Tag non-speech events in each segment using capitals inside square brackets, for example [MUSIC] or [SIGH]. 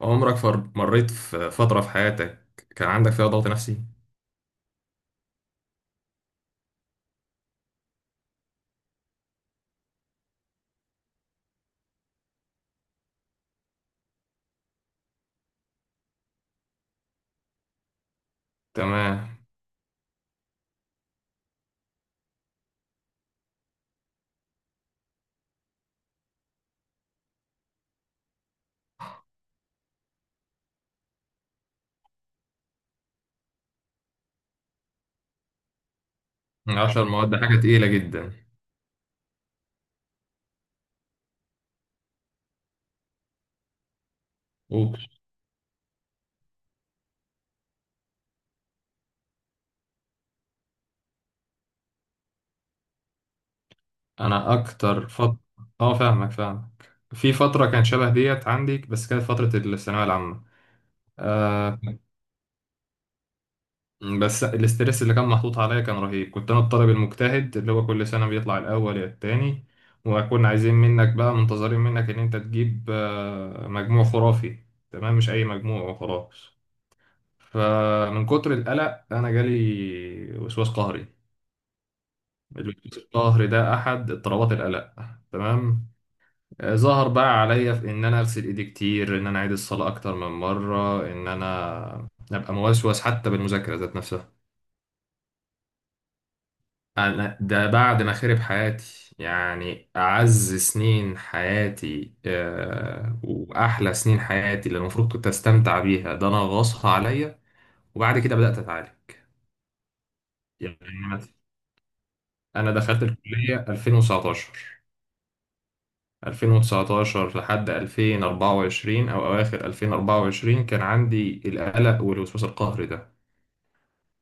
مريت في فترة في حياتك كان عندك فيها ضغط نفسي؟ تمام. عشر مواد ده حاجة تقيلة جدا. أوبس. أنا أكتر فترة. فاهمك فاهمك في فترة كانت شبه ديت عندي، بس كانت فترة الثانوية العامة. آه. بس الاسترس اللي كان محطوط عليا كان رهيب، كنت أنا الطالب المجتهد اللي هو كل سنة بيطلع الأول يا التاني. وكنا عايزين منك بقى، منتظرين منك إن أنت تجيب مجموع خرافي، تمام، مش أي مجموع وخلاص. فمن كتر القلق انا جالي وسواس قهري. الوسواس القهري ده احد اضطرابات القلق، تمام. ظهر بقى عليا في ان انا اغسل ايدي كتير، ان انا اعيد الصلاه اكتر من مره، ان انا ابقى موسوس حتى بالمذاكره ذات نفسها. انا ده بعد ما خرب حياتي، يعني اعز سنين حياتي، واحلى سنين حياتي اللي المفروض كنت استمتع بيها، ده انا غصها عليا. وبعد كده بدات اتعالج يعني. انا دخلت الكليه 2019 لحد 2024 او اواخر 2024 كان عندي القلق والوسواس القهري ده.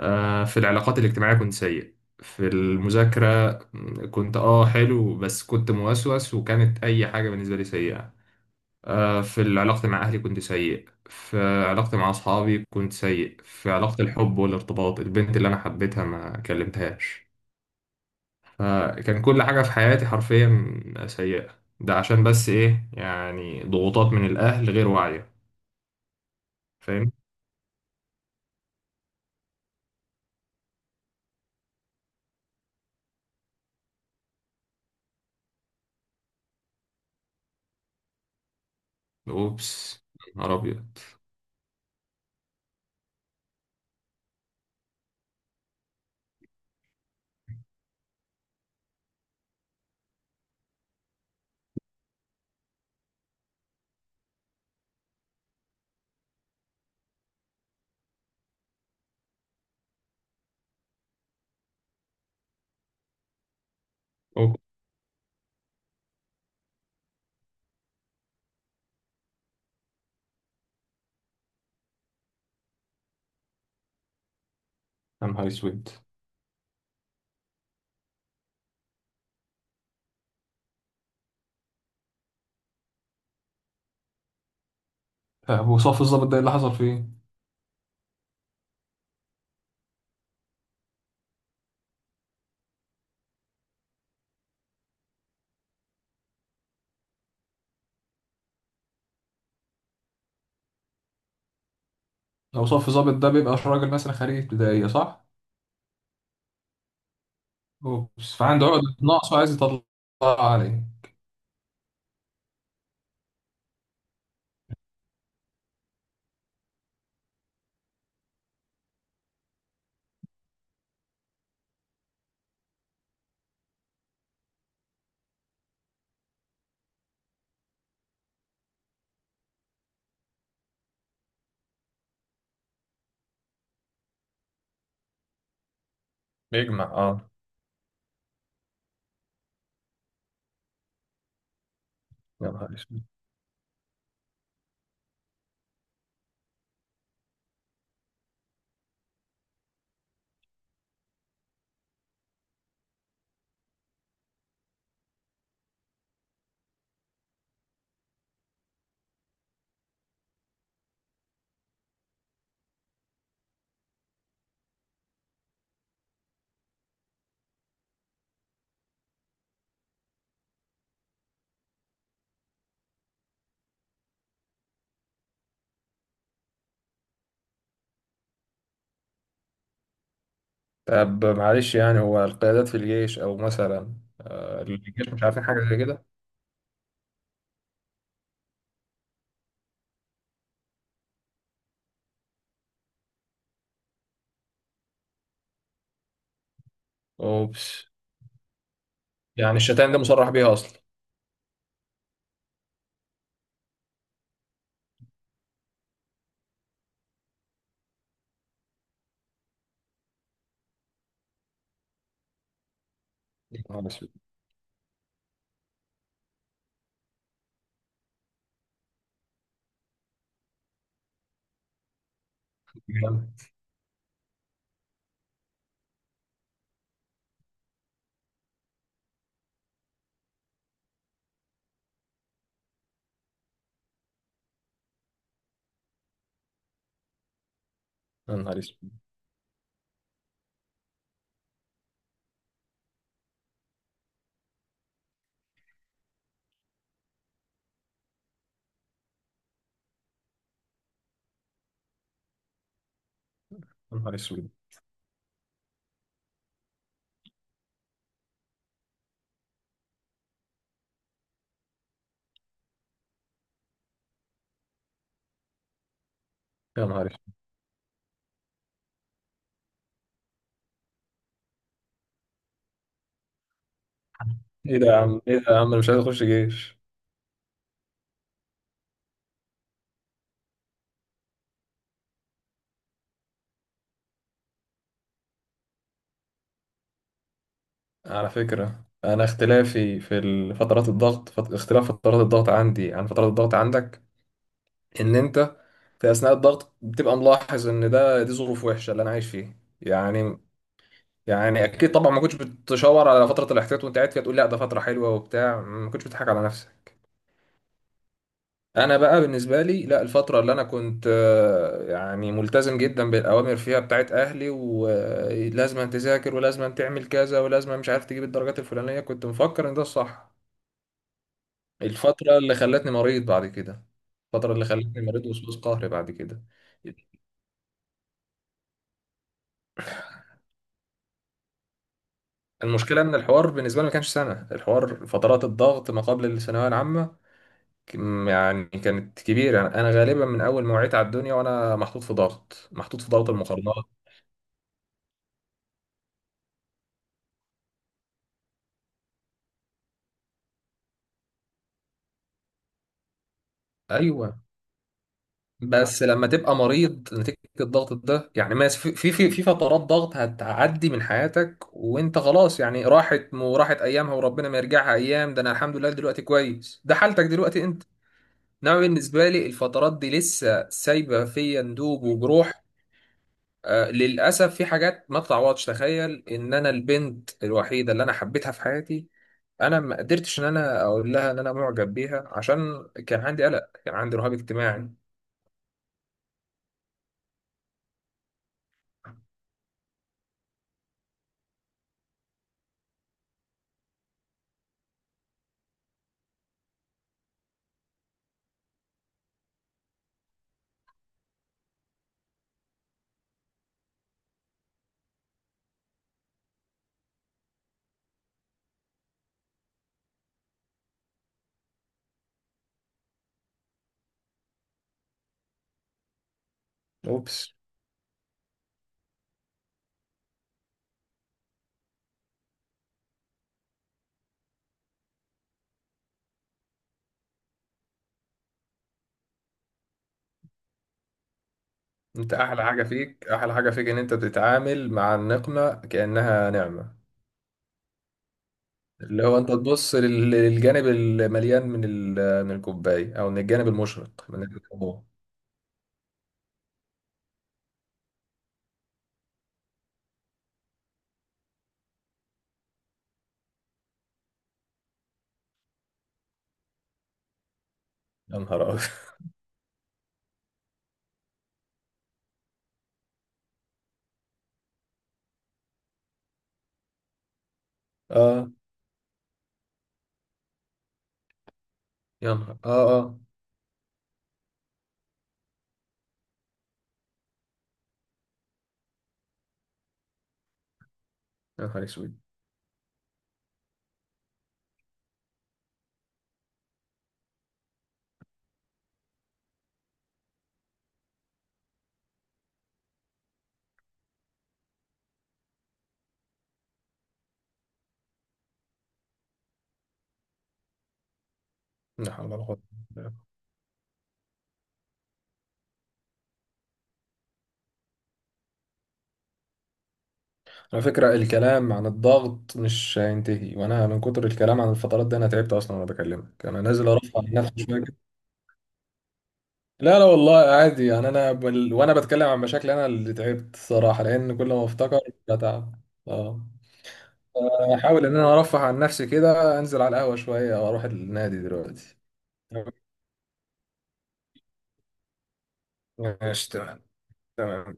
في العلاقات الاجتماعيه كنت سيء، في المذاكره كنت حلو، بس كنت موسوس وكانت اي حاجه بالنسبه لي سيئه. في علاقتي مع اهلي كنت سيء، في علاقتي مع اصحابي كنت سيء، في علاقه الحب والارتباط البنت اللي انا حبيتها ما كلمتهاش. فكان كل حاجة في حياتي حرفيا سيئة، ده عشان بس إيه؟ يعني ضغوطات من الأهل غير واعية. فاهم. أوبس. يا نهار أبيض. اوه. يا نهار اسود. وصف الظابط ده إيه اللي حصل فيه؟ لو صف الظابط ده بيبقى راجل مثلا خريج ابتدائية، صح؟ اوبس، فعنده عقدة نقص وعايز يطلع. عليه. بيجمع، اه. يا نهار اسود. طب معلش، يعني هو القيادات في الجيش او مثلا الجيش مش عارفين حاجه زي كده. اوبس، يعني الشتائم ده مصرح بيها اصلا؟ يا نهار اسود. يا نهار اسود. يا نهار اسود. يا نهار اسود. ايه ده يا عم، ايه ده يا عم، انا مش عايز اخش جيش. على فكرة انا اختلافي في فترات الضغط اختلاف فترات الضغط عندي عن فترات الضغط عندك، ان انت في اثناء الضغط بتبقى ملاحظ ان ده دي ظروف وحشة اللي انا عايش فيه يعني. يعني اكيد طبعا ما كنتش بتشاور على فترة الاحتياط وانت قاعد فيها، تقول لا ده فترة حلوة وبتاع، ما كنتش بتضحك على نفسك. انا بقى بالنسبه لي لا، الفتره اللي انا كنت يعني ملتزم جدا بالاوامر فيها بتاعت اهلي، ولازم أن تذاكر ولازم أن تعمل كذا ولازم أن مش عارف تجيب الدرجات الفلانيه، كنت مفكر ان ده الصح. الفتره اللي خلتني مريض بعد كده. الفتره اللي خلتني مريض وسواس قهري بعد كده. المشكله ان الحوار بالنسبه لي ما كانش سنه، الحوار فترات الضغط ما قبل الثانويه العامه يعني كانت كبيره، يعني انا غالبا من اول ما وعيت على الدنيا وانا محطوط في ضغط، محطوط في ضغط المقارنات. ايوه. بس لما تبقى مريض نتيجة الضغط ده يعني، ما في فترات ضغط هتعدي من حياتك وانت خلاص، يعني راحت وراحت ايامها، وربنا ما يرجعها ايام. ده انا الحمد لله دلوقتي كويس، ده حالتك دلوقتي انت. انما بالنسبة لي الفترات دي لسه سايبة فيا ندوب وجروح. آه للأسف في حاجات ما تتعوضش، تخيل ان انا البنت الوحيدة اللي انا حبيتها في حياتي انا ما قدرتش ان انا اقول لها ان انا معجب بيها، عشان كان عندي قلق، كان عندي رهاب اجتماعي. اوبس. انت احلى حاجه فيك، احلى حاجه فيك ان انت بتتعامل مع النقمه كانها نعمه. اللي هو انت تبص للجانب المليان من من الكوبايه، او من الجانب المشرق من الامور. يا نهار ابيض. [LAUGHS] اه. يا نهار، اه اه. يا نهار اسود. لا حول ولا قوه إلا بالله. على فكره الكلام عن الضغط مش هينتهي، وانا من كتر الكلام عن الفترات دي انا تعبت اصلا وانا بكلمك، انا نازل ارفع عن نفسي شويه. لا لا والله عادي يعني، انا وانا بتكلم عن مشاكلي انا اللي تعبت الصراحه، لان كل ما افتكر بتعب. اه. احاول ان انا ارفه عن نفسي كده، انزل على القهوه شويه واروح النادي دلوقتي. ماشي تمام. تمام.